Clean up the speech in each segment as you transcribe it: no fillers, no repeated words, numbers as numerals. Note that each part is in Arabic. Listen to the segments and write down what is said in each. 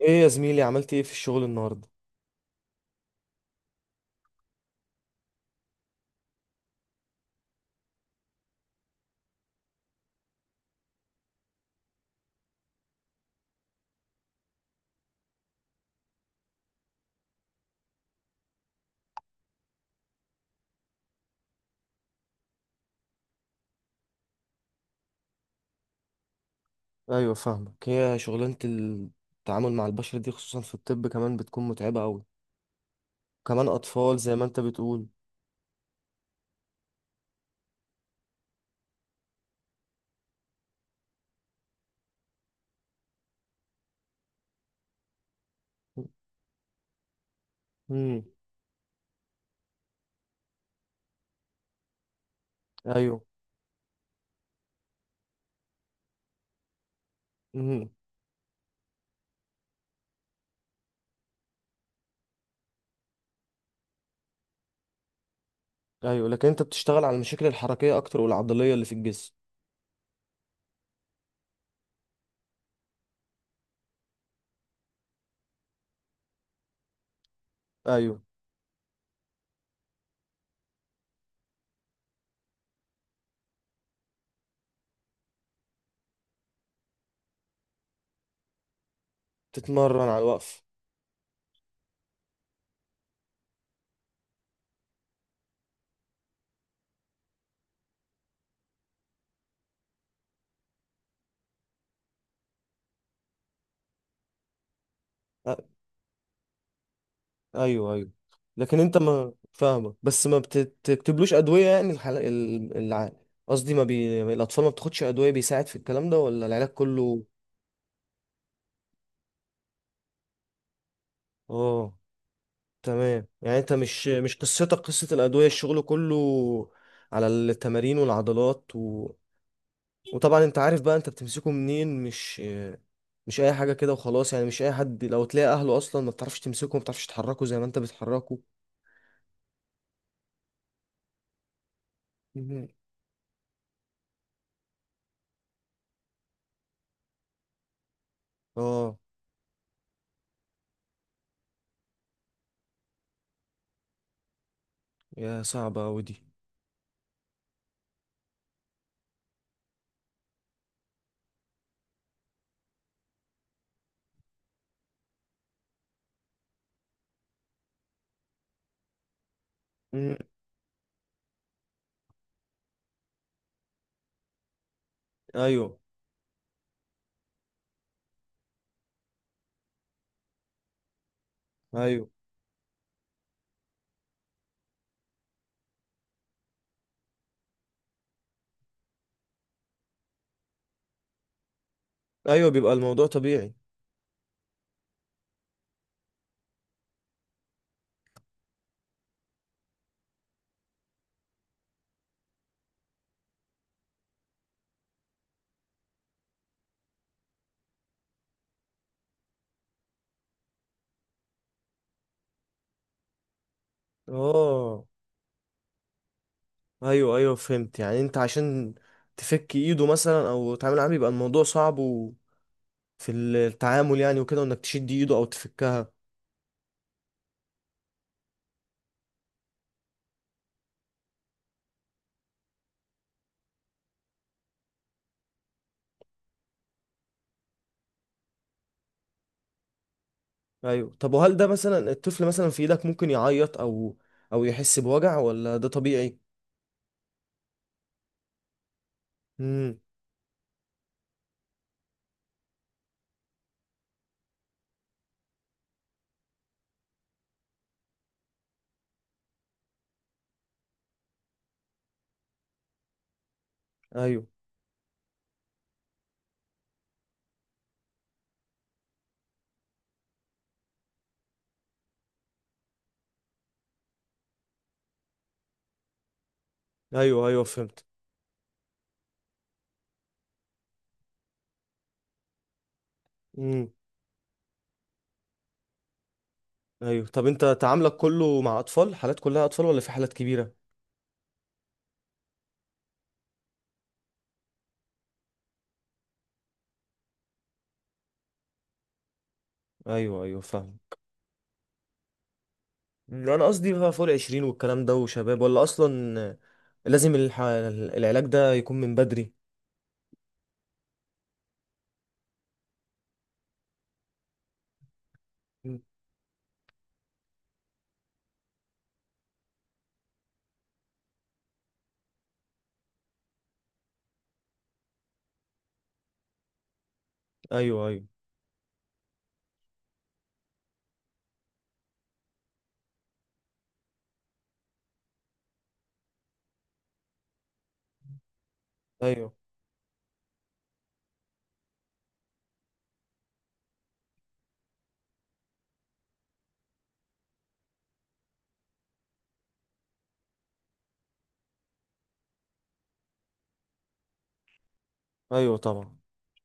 ايه يا زميلي؟ عملت ايه في الشغل النهارده؟ ايوه، فاهمك. هي شغلانه التعامل مع البشر دي خصوصا في الطب كمان بتكون متعبه قوي، كمان اطفال زي ما انت بتقول. امم. ايوه. امم. ايوه، لكن انت بتشتغل على المشاكل الحركيه اكتر والعضليه اللي في الجسم. ايوه، تتمرن على الوقف. أ- ايوه، ايوه، لكن انت ما فاهمك، بس ما بتكتبلوش ادويه، يعني الحل قصدي ما بي... الاطفال ما بتاخدش ادويه بيساعد في الكلام ده ولا العلاج كله؟ اه. تمام، يعني انت مش قصتك قصة الأدوية، الشغل كله على التمارين والعضلات. وطبعا انت عارف بقى انت بتمسكه منين، مش اي حاجة كده وخلاص يعني، مش اي حد، لو تلاقي اهله اصلا ما بتعرفش تمسكه، ما بتعرفش تحركه زي ما انت بتحركه. مهم. اه، يا صعبة اوي دي. مم. ايوه، ايوه. ايوه، بيبقى الموضوع طبيعي. اه، ايوه، ايوه، فهمت. يعني انت عشان تفك ايده مثلا او تعمل معاه، بيبقى الموضوع صعب في التعامل يعني، وكده، وانك تشد ايده او تفكها. ايوه، طب وهل ده مثلا الطفل مثلا في ايدك ممكن يعيط او يحس بوجع، ولا ده طبيعي؟ امم. ايوه، ايوه، ايوه، فهمت. امم. ايوه، طب انت تعاملك كله مع اطفال، حالات كلها اطفال ولا في حالات كبيرة؟ ايوه، ايوه، فاهم. مم، انا قصدي بقى فوق العشرين والكلام ده وشباب، ولا اصلا لازم العلاج ده يكون من بدري؟ مم. ايوه، ايوه، ايوه، ايوه، طبعا.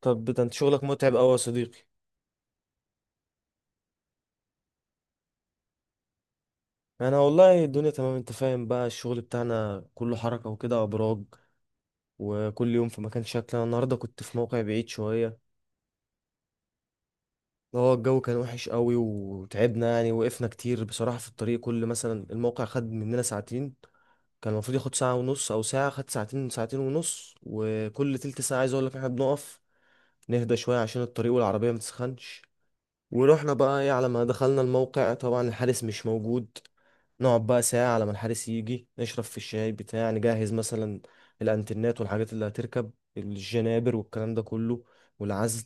طب ده انت شغلك متعب قوي يا صديقي! انا والله الدنيا تمام. انت فاهم بقى، الشغل بتاعنا كله حركة وكده، ابراج، وكل يوم في مكان شكل. انا النهارده كنت في موقع بعيد شوية. هو الجو كان وحش قوي وتعبنا يعني، وقفنا كتير بصراحة في الطريق، كل مثلا الموقع خد مننا ساعتين. كان المفروض ياخد ساعة ونص او ساعة، خد ساعتين، ساعتين ونص، وكل تلت ساعة عايز اقول لك احنا بنقف نهدى شوية عشان الطريق والعربية متسخنش. ورحنا بقى ايه، على ما دخلنا الموقع طبعا الحارس مش موجود. نقعد بقى ساعة على ما الحارس يجي، نشرب في الشاي بتاع، نجهز مثلا الانترنت والحاجات اللي هتركب، الجنابر والكلام ده كله، والعزل.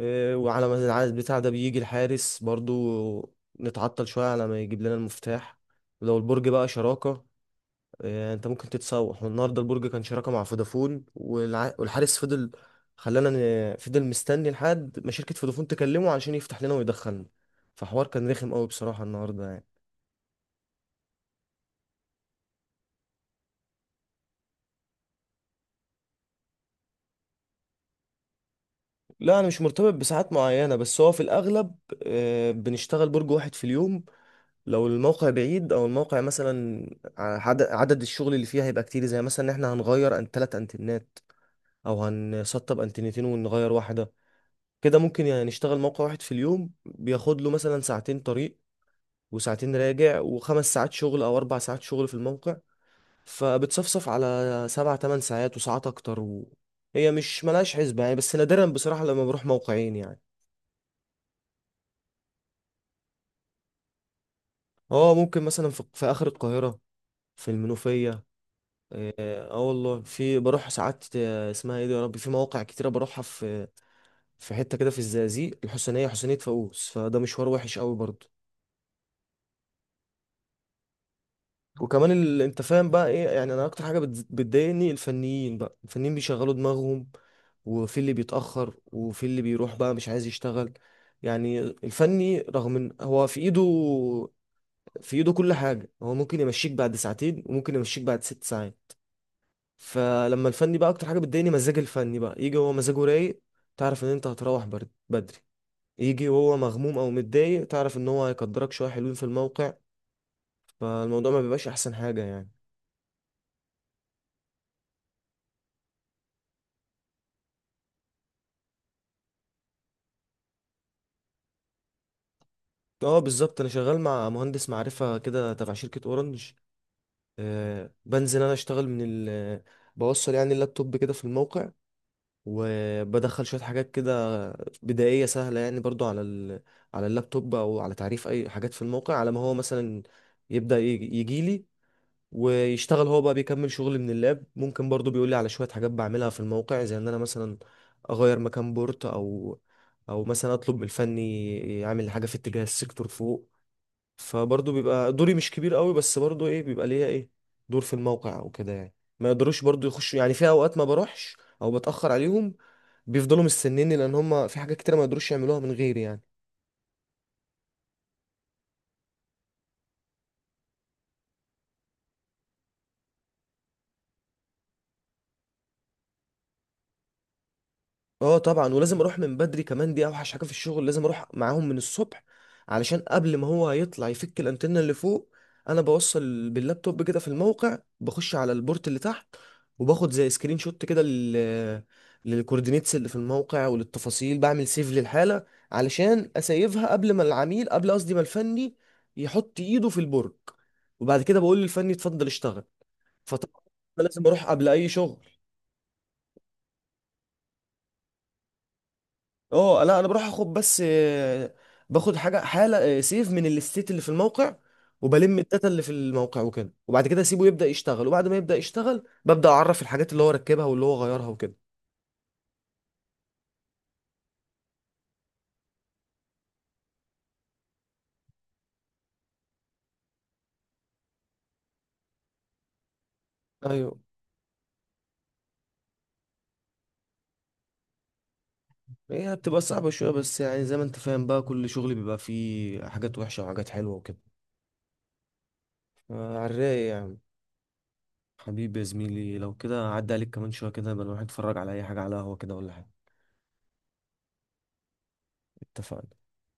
إيه، وعلى ما العزل بتاع ده بيجي الحارس برضو، نتعطل شوية على ما يجيب لنا المفتاح. ولو البرج بقى شراكة، انت ممكن تتسوح. والنهارده البرج كان شراكه مع فودافون والحارس فضل، خلانا، فضل مستني لحد ما شركه فودافون تكلمه عشان يفتح لنا ويدخلنا. فحوار كان رخم قوي بصراحه النهارده يعني. لا، انا مش مرتبط بساعات معينه، بس هو في الاغلب بنشتغل برج واحد في اليوم. لو الموقع بعيد، او الموقع مثلا عدد الشغل اللي فيه هيبقى كتير، زي مثلا ان احنا هنغير ان ثلاث انتنات، او هنسطب انتنتين ونغير واحده. كده ممكن يعني نشتغل موقع واحد في اليوم، بياخد له مثلا ساعتين طريق وساعتين راجع وخمس ساعات شغل او 4 ساعات شغل في الموقع. فبتصفصف على سبع تمن ساعات وساعات اكتر. هي مش ملهاش حسبة يعني، بس نادرا بصراحة لما بروح موقعين يعني. اه، ممكن مثلا في اخر القاهرة، في المنوفية، اه. آه والله، في بروح ساعات اسمها ايه دي يا ربي، في مواقع كتيرة بروحها، في حتة كده في الزقازيق الحسينية، حسينية فاقوس، فده مشوار وحش قوي برضه. وكمان انت فاهم بقى ايه يعني، انا اكتر حاجه بتضايقني، الفنيين بقى، الفنيين بيشغلوا دماغهم، وفي اللي بيتاخر، وفي اللي بيروح بقى مش عايز يشتغل. يعني الفني رغم ان هو في ايده كل حاجه، هو ممكن يمشيك بعد ساعتين وممكن يمشيك بعد 6 ساعات. فلما الفني بقى، اكتر حاجه بتضايقني مزاج الفني بقى، يجي هو مزاجه رايق تعرف ان انت هتروح بدري، يجي وهو مغموم او متضايق تعرف ان هو هيقدرك شويه حلوين في الموقع. فالموضوع ما بيبقاش احسن حاجه يعني. اه، بالظبط، انا شغال مع مهندس معرفة كده تبع شركة اورنج. آه، بنزل انا اشتغل من ال بوصل يعني اللابتوب كده في الموقع، وبدخل شوية حاجات كده بدائية سهلة يعني برضو على اللابتوب، او على تعريف اي حاجات في الموقع، على ما هو مثلا يبدأ يجي لي ويشتغل. هو بقى بيكمل شغل من اللاب، ممكن برضو بيقول لي على شوية حاجات بعملها في الموقع، زي ان انا مثلا اغير مكان بورت او مثلا اطلب من الفني يعمل حاجه في اتجاه السيكتور فوق. فبرضه بيبقى دوري مش كبير قوي، بس برضه ايه، بيبقى ليا ايه، دور في الموقع وكده يعني، ما يقدروش برضه يخشوا، يعني في اوقات ما بروحش او بتأخر عليهم، بيفضلوا مستنيني لان هم في حاجات كتير ما يقدروش يعملوها من غيري يعني. اه طبعا، ولازم اروح من بدري كمان، دي اوحش حاجه في الشغل، لازم اروح معاهم من الصبح، علشان قبل ما هو يطلع يفك الانتنه اللي فوق، انا بوصل باللابتوب كده في الموقع، بخش على البورت اللي تحت، وباخد زي سكرين شوت كده للكوردينيتس اللي في الموقع وللتفاصيل، بعمل سيف للحاله علشان اسيفها قبل ما العميل، قبل قصدي ما الفني يحط ايده في البرج، وبعد كده بقول للفني اتفضل اشتغل. فطبعا أنا لازم اروح قبل اي شغل. اه لا، انا بروح اخد بس باخد حاجه، حاله سيف من الاستيت اللي في الموقع، وبلم الداتا اللي في الموقع وكده، وبعد كده اسيبه يبدا يشتغل، وبعد ما يبدا يشتغل ببدا اعرف الحاجات اللي هو ركبها واللي هو غيرها وكده. ايوه. هي بتبقى صعبه شويه بس يعني، زي ما انت فاهم بقى، كل شغل بيبقى فيه حاجات وحشه وحاجات حلوه وكده، على الرايق يعني. حبيبي يا زميلي، لو كده عدى عليك كمان شويه كده، يبقى نروح نتفرج على اي حاجه، على قهوه كده ولا حاجه. اتفقنا.